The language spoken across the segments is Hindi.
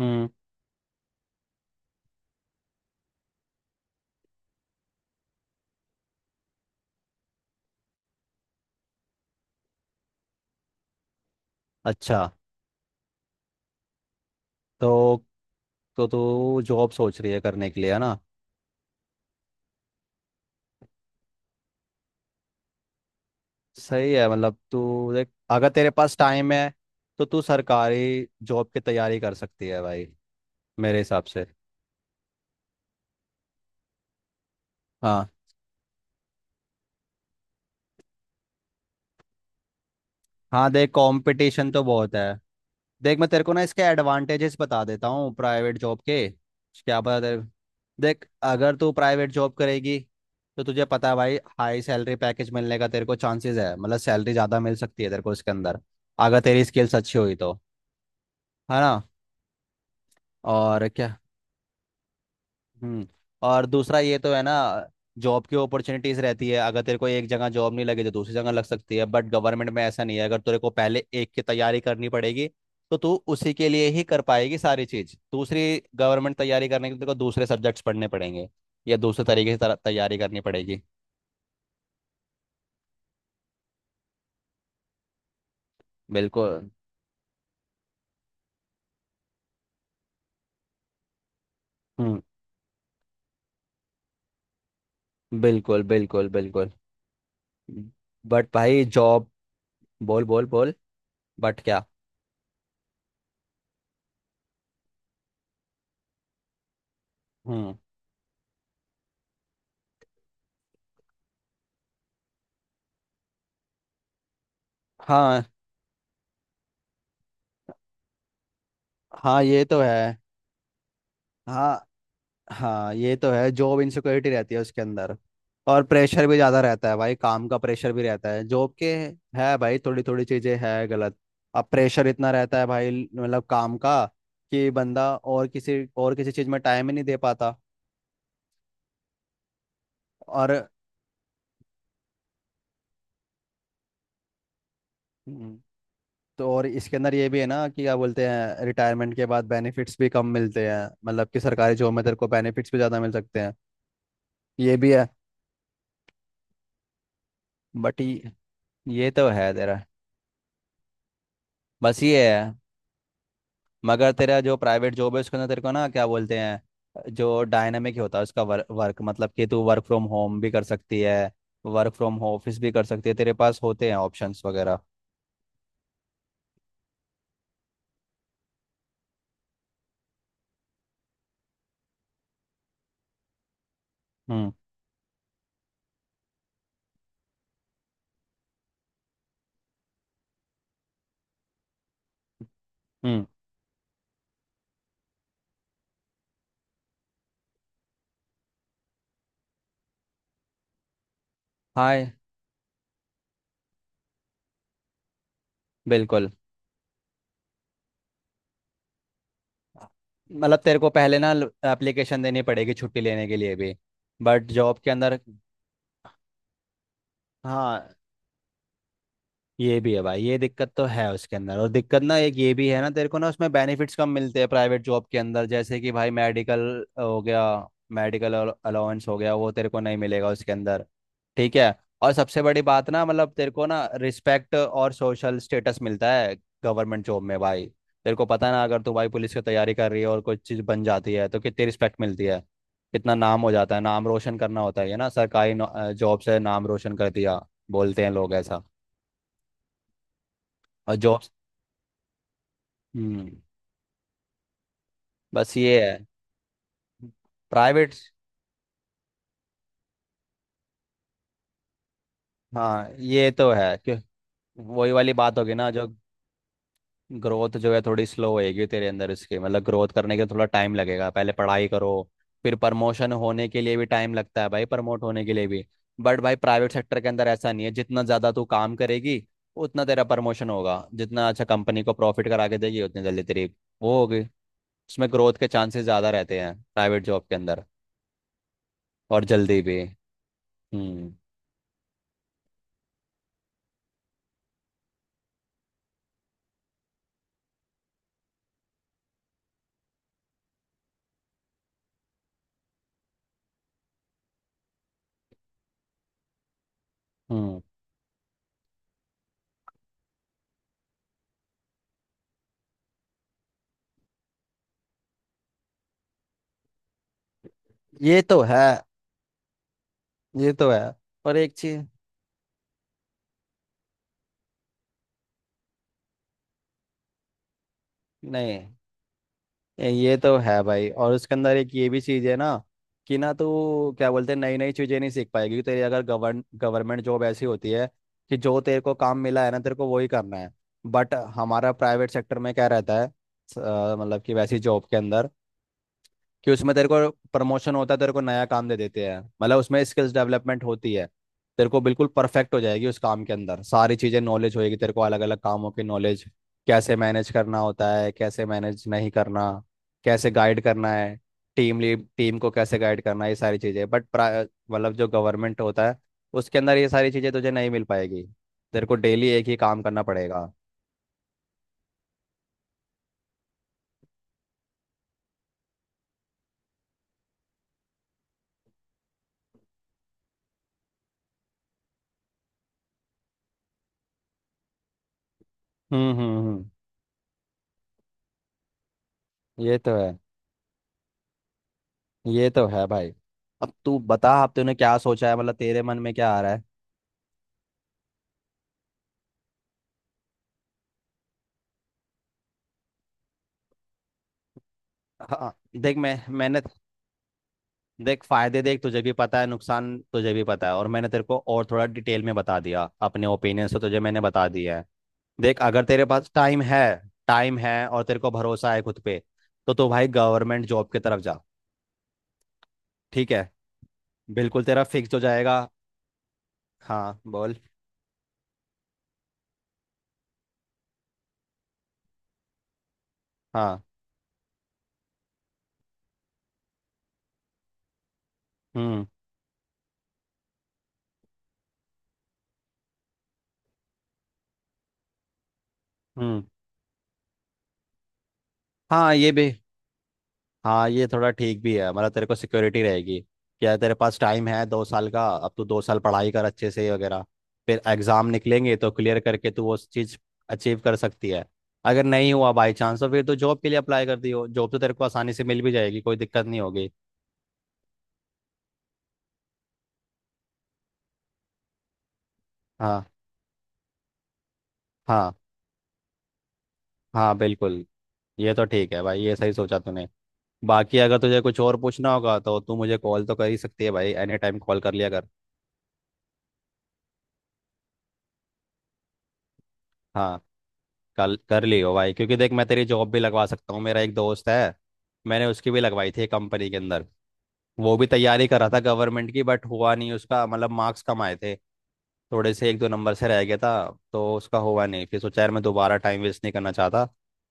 हम्म। अच्छा। तो तो तू जॉब सोच रही है करने के लिए है ना। सही है। मतलब तू देख, अगर तेरे पास टाइम है तो तू सरकारी जॉब की तैयारी कर सकती है भाई, मेरे हिसाब से। हाँ हाँ, देख कंपटीशन तो बहुत है। देख मैं तेरे को ना इसके एडवांटेजेस बता देता हूँ प्राइवेट जॉब के। क्या पता तेरे। देख अगर तू प्राइवेट जॉब करेगी तो तुझे पता है भाई, हाई सैलरी पैकेज मिलने का तेरे को चांसेस है, मतलब सैलरी ज़्यादा मिल सकती है तेरे को इसके अंदर, अगर तेरी स्किल्स अच्छी हुई तो। है ना। और क्या। हम्म। और दूसरा ये तो है ना, जॉब की अपॉर्चुनिटीज रहती है। अगर तेरे को एक जगह जॉब नहीं लगी तो दूसरी जगह लग सकती है, बट गवर्नमेंट में ऐसा नहीं है। अगर तेरे को पहले एक की तैयारी करनी पड़ेगी तो तू उसी के लिए ही कर पाएगी सारी चीज़। दूसरी गवर्नमेंट तैयारी करने के लिए तेरे को दूसरे सब्जेक्ट्स पढ़ने पड़ेंगे, या दूसरे तरीके से तैयारी करनी पड़ेगी। बिल्कुल। हम्म। बिल्कुल बिल्कुल बिल्कुल। बट भाई जॉब। बोल बोल बोल। बट क्या। हम्म। हाँ हाँ, ये तो है। हाँ हाँ, ये तो है। जॉब इनसिक्योरिटी रहती है उसके अंदर, और प्रेशर भी ज़्यादा रहता है भाई, काम का प्रेशर भी रहता है जॉब के। है भाई, थोड़ी थोड़ी चीज़ें है गलत। अब प्रेशर इतना रहता है भाई, मतलब काम का, कि बंदा और किसी चीज़ में टाइम ही नहीं दे पाता। और हम्म, तो और इसके अंदर ये भी है ना कि क्या बोलते हैं, रिटायरमेंट के बाद बेनिफिट्स भी कम मिलते हैं। मतलब कि सरकारी जॉब में तेरे को बेनिफिट्स भी ज़्यादा मिल सकते हैं। ये भी है। बट ये तो है तेरा। बस ये है। मगर तेरा जो प्राइवेट जॉब है उसके अंदर तेरे को ना, क्या बोलते हैं, जो डायनामिक होता है उसका वर्क वर्क, मतलब कि तू वर्क फ्रॉम होम भी कर सकती है, वर्क फ्रॉम ऑफिस भी कर सकती है। तेरे पास होते हैं ऑप्शंस वगैरह। हम्म। हम्म। हाय। बिल्कुल। मतलब तेरे को पहले ना एप्लीकेशन देनी पड़ेगी छुट्टी लेने के लिए भी, बट जॉब के अंदर। हाँ, ये भी है भाई, ये दिक्कत तो है उसके अंदर। और दिक्कत ना एक ये भी है ना, तेरे को ना उसमें बेनिफिट्स कम मिलते हैं प्राइवेट जॉब के अंदर, जैसे कि भाई मेडिकल हो गया, मेडिकल अलाउंस हो गया, वो तेरे को नहीं मिलेगा उसके अंदर। ठीक है। और सबसे बड़ी बात ना, मतलब तेरे को ना रिस्पेक्ट और सोशल स्टेटस मिलता है गवर्नमेंट जॉब में भाई। तेरे को पता है ना, अगर तू भाई पुलिस की तैयारी कर रही है और कोई चीज़ बन जाती है तो कितनी रिस्पेक्ट मिलती है, कितना नाम हो जाता है। नाम रोशन करना होता है ये ना, सरकारी जॉब से नाम रोशन कर दिया, बोलते हैं लोग ऐसा। और जॉब। हम्म। बस ये है। प्राइवेट। हाँ ये तो है कि वही वाली बात होगी ना, जो ग्रोथ जो है थोड़ी स्लो होएगी तेरे अंदर इसके, मतलब ग्रोथ करने के लिए थोड़ा टाइम लगेगा, पहले पढ़ाई करो, फिर प्रमोशन होने के लिए भी टाइम लगता है भाई, प्रमोट होने के लिए भी। बट भाई प्राइवेट सेक्टर के अंदर ऐसा नहीं है, जितना ज़्यादा तू काम करेगी उतना तेरा प्रमोशन होगा। जितना अच्छा कंपनी को प्रॉफिट करा के देगी उतनी जल्दी तेरी वो होगी। उसमें ग्रोथ के चांसेस ज़्यादा रहते हैं प्राइवेट जॉब के अंदर, और जल्दी भी। हम्म हम्म। ये तो है। ये तो है। पर एक चीज। नहीं। ये तो है भाई। और उसके अंदर एक ये भी चीज है ना, कि ना तू, क्या बोलते हैं, नई नई चीजें नहीं सीख पाएगी। क्योंकि तेरी अगर गवर्नमेंट जॉब ऐसी होती है कि जो तेरे को काम मिला है ना, तेरे को वही करना है। बट हमारा प्राइवेट सेक्टर में क्या रहता है, मतलब कि वैसी जॉब के अंदर, कि उसमें तेरे को प्रमोशन होता है, तेरे को नया काम दे देते हैं, मतलब उसमें स्किल्स डेवलपमेंट होती है। तेरे को बिल्कुल परफेक्ट हो जाएगी उस काम के अंदर सारी चीज़ें, नॉलेज होएगी तेरे को अलग अलग कामों की नॉलेज, कैसे मैनेज करना होता है, कैसे मैनेज नहीं करना, कैसे गाइड करना है, टीम लीड, टीम को कैसे गाइड करना है, ये सारी चीज़ें। बट मतलब जो गवर्नमेंट होता है उसके अंदर ये सारी चीज़ें तुझे नहीं मिल पाएगी। तेरे को डेली एक ही काम करना पड़ेगा। हम्म। ये तो है। ये तो है भाई। अब तू बता, अब तूने क्या सोचा है, मतलब तेरे मन में क्या आ रहा है। हाँ। देख मैंने, देख फायदे देख, तुझे भी पता है नुकसान तुझे भी पता है, और मैंने तेरे को और थोड़ा डिटेल में बता दिया अपने ओपिनियन से, तुझे मैंने बता दिया है। देख अगर तेरे पास टाइम है, टाइम है और तेरे को भरोसा है खुद पे, तो तू भाई गवर्नमेंट जॉब की तरफ जा। ठीक है, बिल्कुल तेरा फिक्स हो जाएगा। हाँ बोल। हाँ। हम्म। हम्म। हाँ, ये भी। हाँ, ये थोड़ा ठीक भी है, मतलब तेरे को सिक्योरिटी रहेगी। क्या तेरे पास टाइम है 2 साल का, अब तू 2 साल पढ़ाई कर अच्छे से वगैरह, फिर एग्जाम निकलेंगे तो क्लियर करके तू वो चीज़ अचीव कर सकती है। अगर नहीं हुआ बाई चांस तो फिर तो जॉब के लिए अप्लाई कर दियो, जॉब तो तेरे को आसानी से मिल भी जाएगी, कोई दिक्कत नहीं होगी। हाँ हाँ हाँ बिल्कुल। ये तो ठीक है भाई, ये सही सोचा तूने। बाकी अगर तुझे कुछ और पूछना होगा तो तू मुझे कॉल तो कर ही सकती है भाई, एनी टाइम कॉल कर लिया कर। हाँ, कल कर लियो भाई, क्योंकि देख मैं तेरी जॉब भी लगवा सकता हूँ। मेरा एक दोस्त है, मैंने उसकी भी लगवाई थी कंपनी के अंदर। वो भी तैयारी कर रहा था गवर्नमेंट की, बट हुआ नहीं उसका, मतलब मार्क्स कम आए थे, थोड़े से एक दो नंबर से रह गया था। तो उसका हुआ नहीं, फिर सोचा यार मैं दोबारा टाइम वेस्ट नहीं करना चाहता,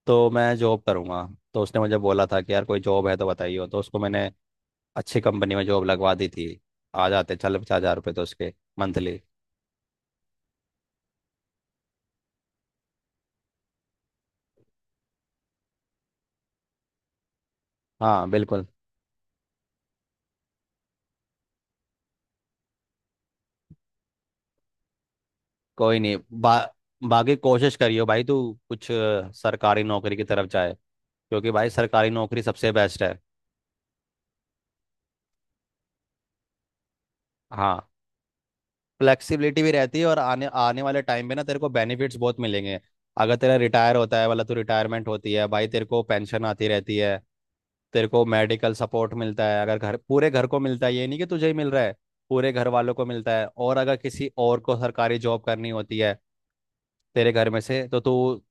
तो मैं जॉब करूँगा। तो उसने मुझे बोला था कि यार कोई जॉब है तो बताइए, तो उसको मैंने अच्छी कंपनी में जॉब लगवा दी थी। आ जाते चल 50,000 रुपये तो उसके, मंथली। हाँ बिल्कुल। कोई नहीं बाकी कोशिश करियो भाई, तू कुछ सरकारी नौकरी की तरफ जाए, क्योंकि भाई सरकारी नौकरी सबसे बेस्ट है। हाँ। फ्लेक्सिबिलिटी भी रहती है, और आने आने वाले टाइम पे ना तेरे को बेनिफिट्स बहुत मिलेंगे। अगर तेरा रिटायर होता है वाला तो रिटायरमेंट होती है भाई, तेरे को पेंशन आती रहती है, तेरे को मेडिकल सपोर्ट मिलता है, अगर घर, पूरे घर को मिलता है, ये नहीं कि तुझे ही मिल रहा है, पूरे घर वालों को मिलता है। और अगर किसी और को सरकारी जॉब करनी होती है तेरे घर में से, तो तू,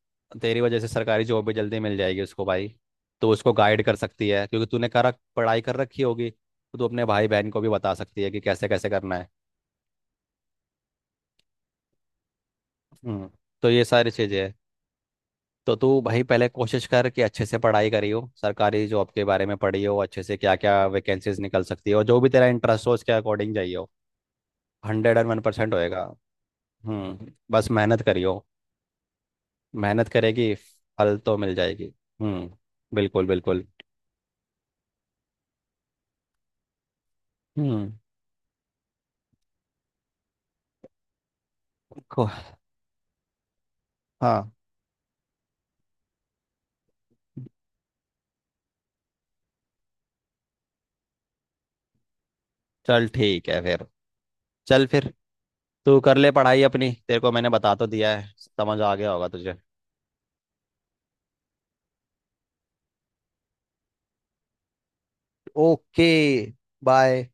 तेरी वजह से सरकारी जॉब भी जल्दी मिल जाएगी उसको भाई। तो उसको गाइड कर सकती है, क्योंकि तूने करा पढ़ाई कर रखी होगी तो तू अपने भाई बहन को भी बता सकती है कि कैसे कैसे करना है। हम्म। तो ये सारी चीज़ें हैं। तो तू भाई पहले कोशिश कर कि अच्छे से पढ़ाई करी हो सरकारी जॉब के बारे में, पढ़ी हो अच्छे से क्या क्या वैकेंसीज निकल सकती है, और जो भी तेरा इंटरेस्ट हो उसके अकॉर्डिंग जाइए हो। 101% होएगा। हम्म, बस मेहनत करियो। मेहनत करेगी, फल तो मिल जाएगी। हम्म। बिल्कुल बिल्कुल। हम्म। को- हाँ। चल ठीक है फिर। चल फिर तू कर ले पढ़ाई अपनी। तेरे को मैंने बता तो दिया है, समझ आ गया होगा तुझे। ओके। बाय।